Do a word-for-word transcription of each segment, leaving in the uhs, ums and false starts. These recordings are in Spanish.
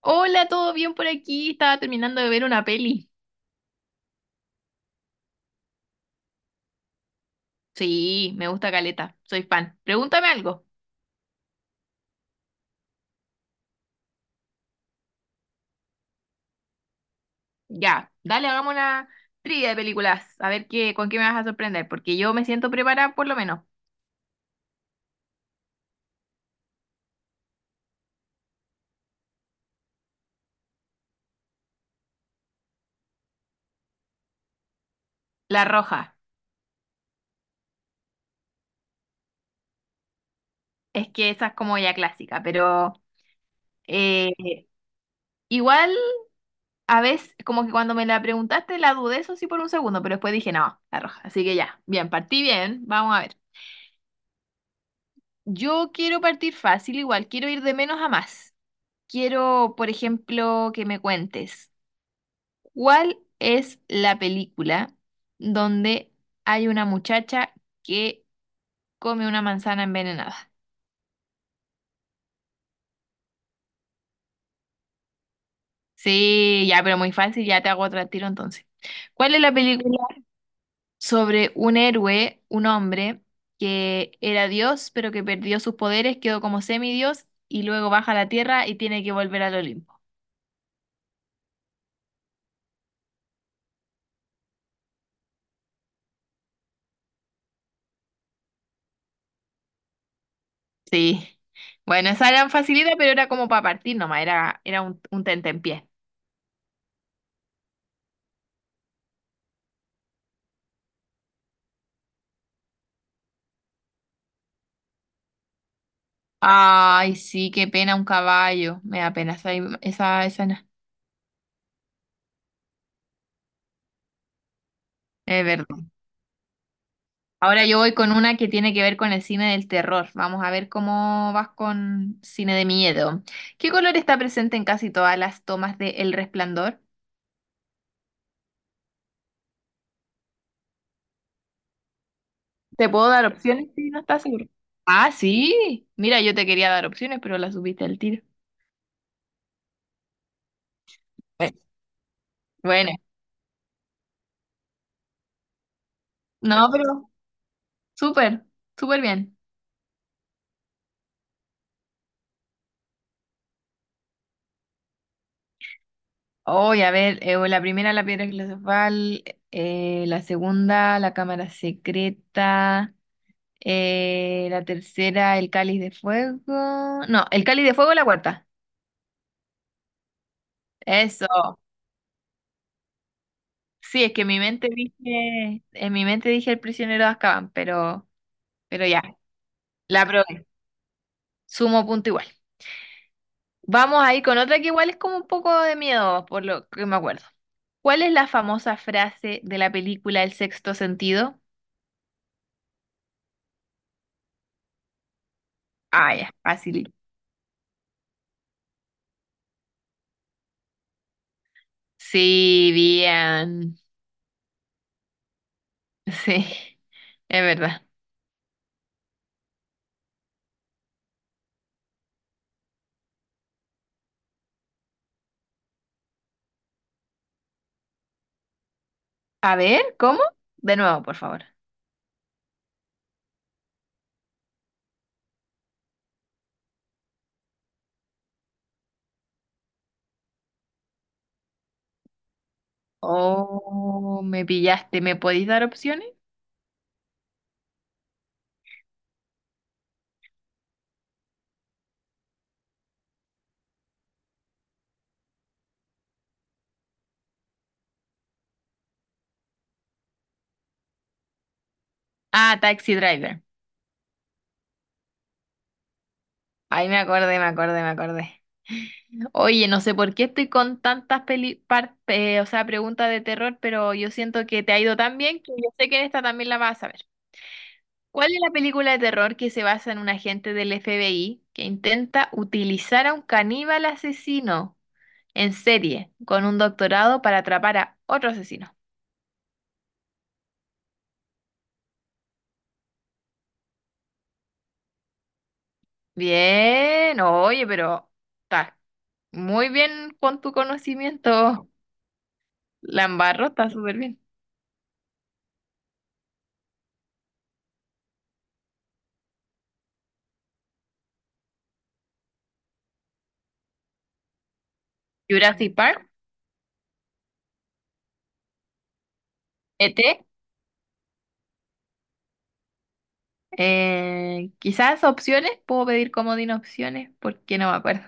Hola, ¿todo bien por aquí? Estaba terminando de ver una peli. Sí, me gusta Caleta, soy fan. Pregúntame algo. Ya, dale, hagamos una trivia de películas. A ver qué, con qué me vas a sorprender, porque yo me siento preparada por lo menos. La Roja, es que esa es como ya clásica, pero eh, igual a veces, como que cuando me la preguntaste la dudé, eso sí, por un segundo, pero después dije, no, La Roja. Así que ya, bien, partí bien, vamos a ver. Yo quiero partir fácil, igual quiero ir de menos a más. Quiero, por ejemplo, que me cuentes, ¿cuál es la película donde hay una muchacha que come una manzana envenenada? Sí, ya, pero muy fácil, ya te hago otro al tiro entonces. ¿Cuál es la película sobre un héroe, un hombre que era Dios, pero que perdió sus poderes, quedó como semidios y luego baja a la tierra y tiene que volver al Olimpo? Sí. Bueno, esa era facilidad, pero era como para partir nomás, era, era un, un tentempié. Ay, sí, qué pena un caballo. Me da pena esa, im- esa escena. Es verdad. Ahora yo voy con una que tiene que ver con el cine del terror. Vamos a ver cómo vas con cine de miedo. ¿Qué color está presente en casi todas las tomas de El Resplandor? ¿Te puedo dar opciones si no estás seguro? Ah, sí. Mira, yo te quería dar opciones, pero las subiste al tiro. Eh, Bueno, no, pero súper, súper bien. Oye, a ver, eh, la primera la piedra filosofal, eh, la segunda la cámara secreta, eh, la tercera el cáliz de fuego. No, el cáliz de fuego es la cuarta. Eso. Sí, es que en mi mente dije, en mi mente dije el prisionero de Azkaban, pero, pero ya, la probé. Sumo punto igual. Vamos ahí con otra que igual es como un poco de miedo, por lo que me acuerdo. ¿Cuál es la famosa frase de la película El sexto sentido? Ah, ya, fácil. Sí, bien. Sí, es verdad. A ver, ¿cómo? De nuevo, por favor. Oh, me pillaste. ¿Me podéis dar opciones? Ah, Taxi Driver. Ahí me acordé, me acordé, me acordé. Oye, no sé por qué estoy con tantas peli par- eh, o sea, preguntas de terror, pero yo siento que te ha ido tan bien que yo sé que en esta también la vas a ver. ¿Cuál es la película de terror que se basa en un agente del F B I que intenta utilizar a un caníbal asesino en serie, con un doctorado para atrapar a otro asesino? Bien, oye, pero estás muy bien con tu conocimiento, Lambarro, está súper bien. Jurassic Park, E T, eh, quizás opciones, puedo pedir comodín opciones, porque no me acuerdo.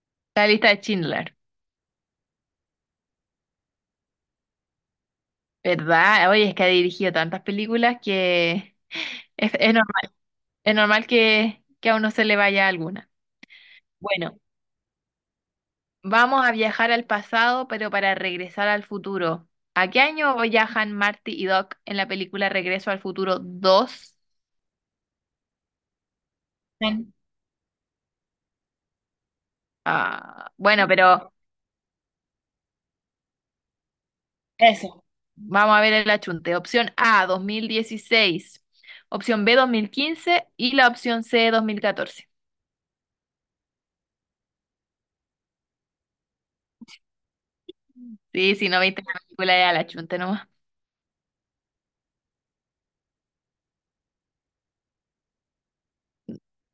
La lista de Schindler, ¿verdad? Oye, es que ha dirigido tantas películas que es, es normal, es normal que, que a uno se le vaya alguna. Bueno, vamos a viajar al pasado, pero para regresar al futuro. ¿A qué año viajan Marty y Doc en la película Regreso al Futuro dos? Bien, ah, bueno, pero eso. Vamos a ver el achunte. Opción A, dos mil dieciséis. Opción B, dos mil quince. Y la opción C, dos mil catorce. Sí, si no viste la película, ya la achunte nomás.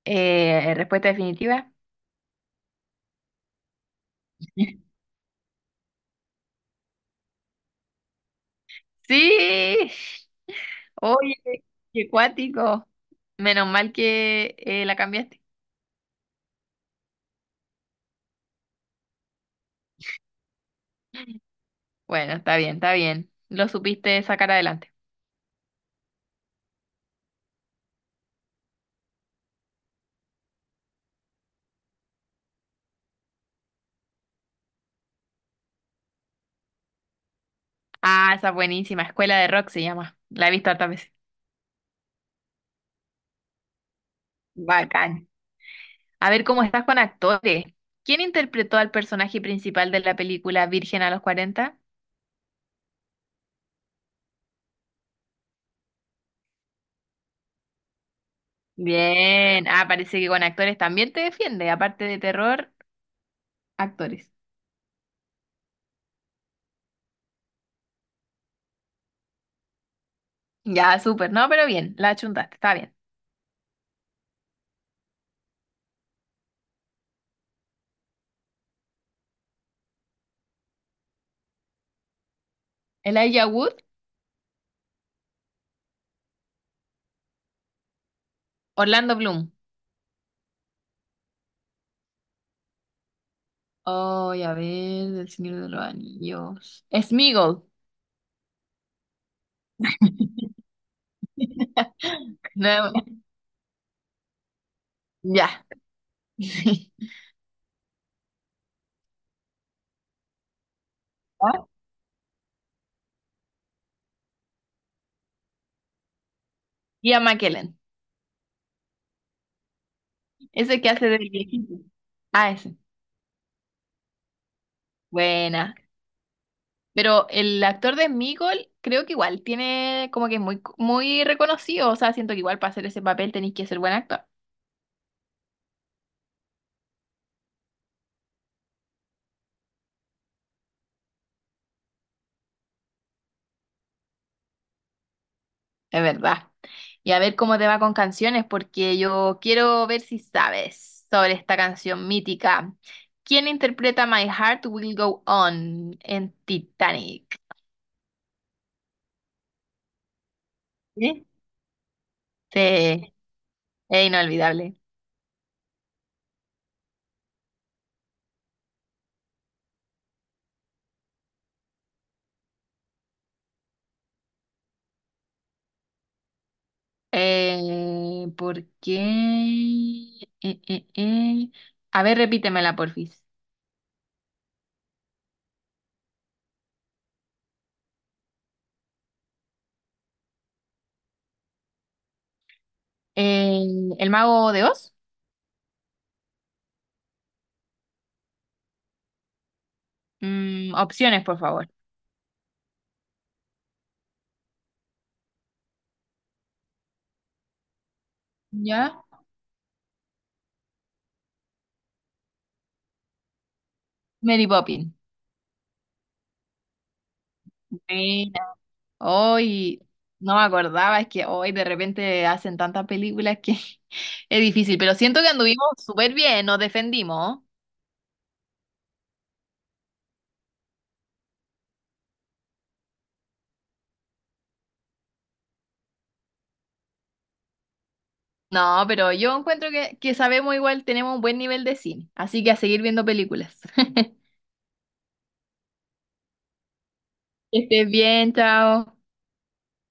Eh, respuesta definitiva. Sí, oye, qué cuático. Menos mal que eh, la cambiaste. Bueno, está bien, está bien. Lo supiste sacar adelante. Ah, esa buenísima. Escuela de Rock se llama. La he visto hartas veces. Bacán. A ver cómo estás con actores. ¿Quién interpretó al personaje principal de la película Virgen a los cuarenta? Bien. Ah, parece que con actores también te defiende. Aparte de terror, actores. Ya, súper. No, pero bien. La achuntaste. Está bien. Elijah Wood, Orlando Bloom. Oh, a ver, del Señor de los Anillos. Sméagol. No, ya. ¿Ah? Y a McKellen. Ese que hace del viejito. Ah, ese. Buena. Pero el actor de Meagle creo que igual tiene como que es muy, muy reconocido. O sea, siento que igual para hacer ese papel tenéis que ser buen actor. Es verdad. Y a ver cómo te va con canciones, porque yo quiero ver si sabes sobre esta canción mítica. ¿Quién interpreta My Heart Will Go On en Titanic? ¿Eh? Sí, es inolvidable. Eh, ¿por qué? Eh, eh, eh. A ver, repítemela, porfis. Eh, ¿el mago de Oz? Mm, opciones, por favor. ¿Ya? Mary Poppins. Buena. Hoy no me acordaba, es que hoy de repente hacen tantas películas que es difícil, pero siento que anduvimos súper bien, nos defendimos. No, pero yo encuentro que, que sabemos igual, tenemos un buen nivel de cine, así que a seguir viendo películas. Que estés bien, chao.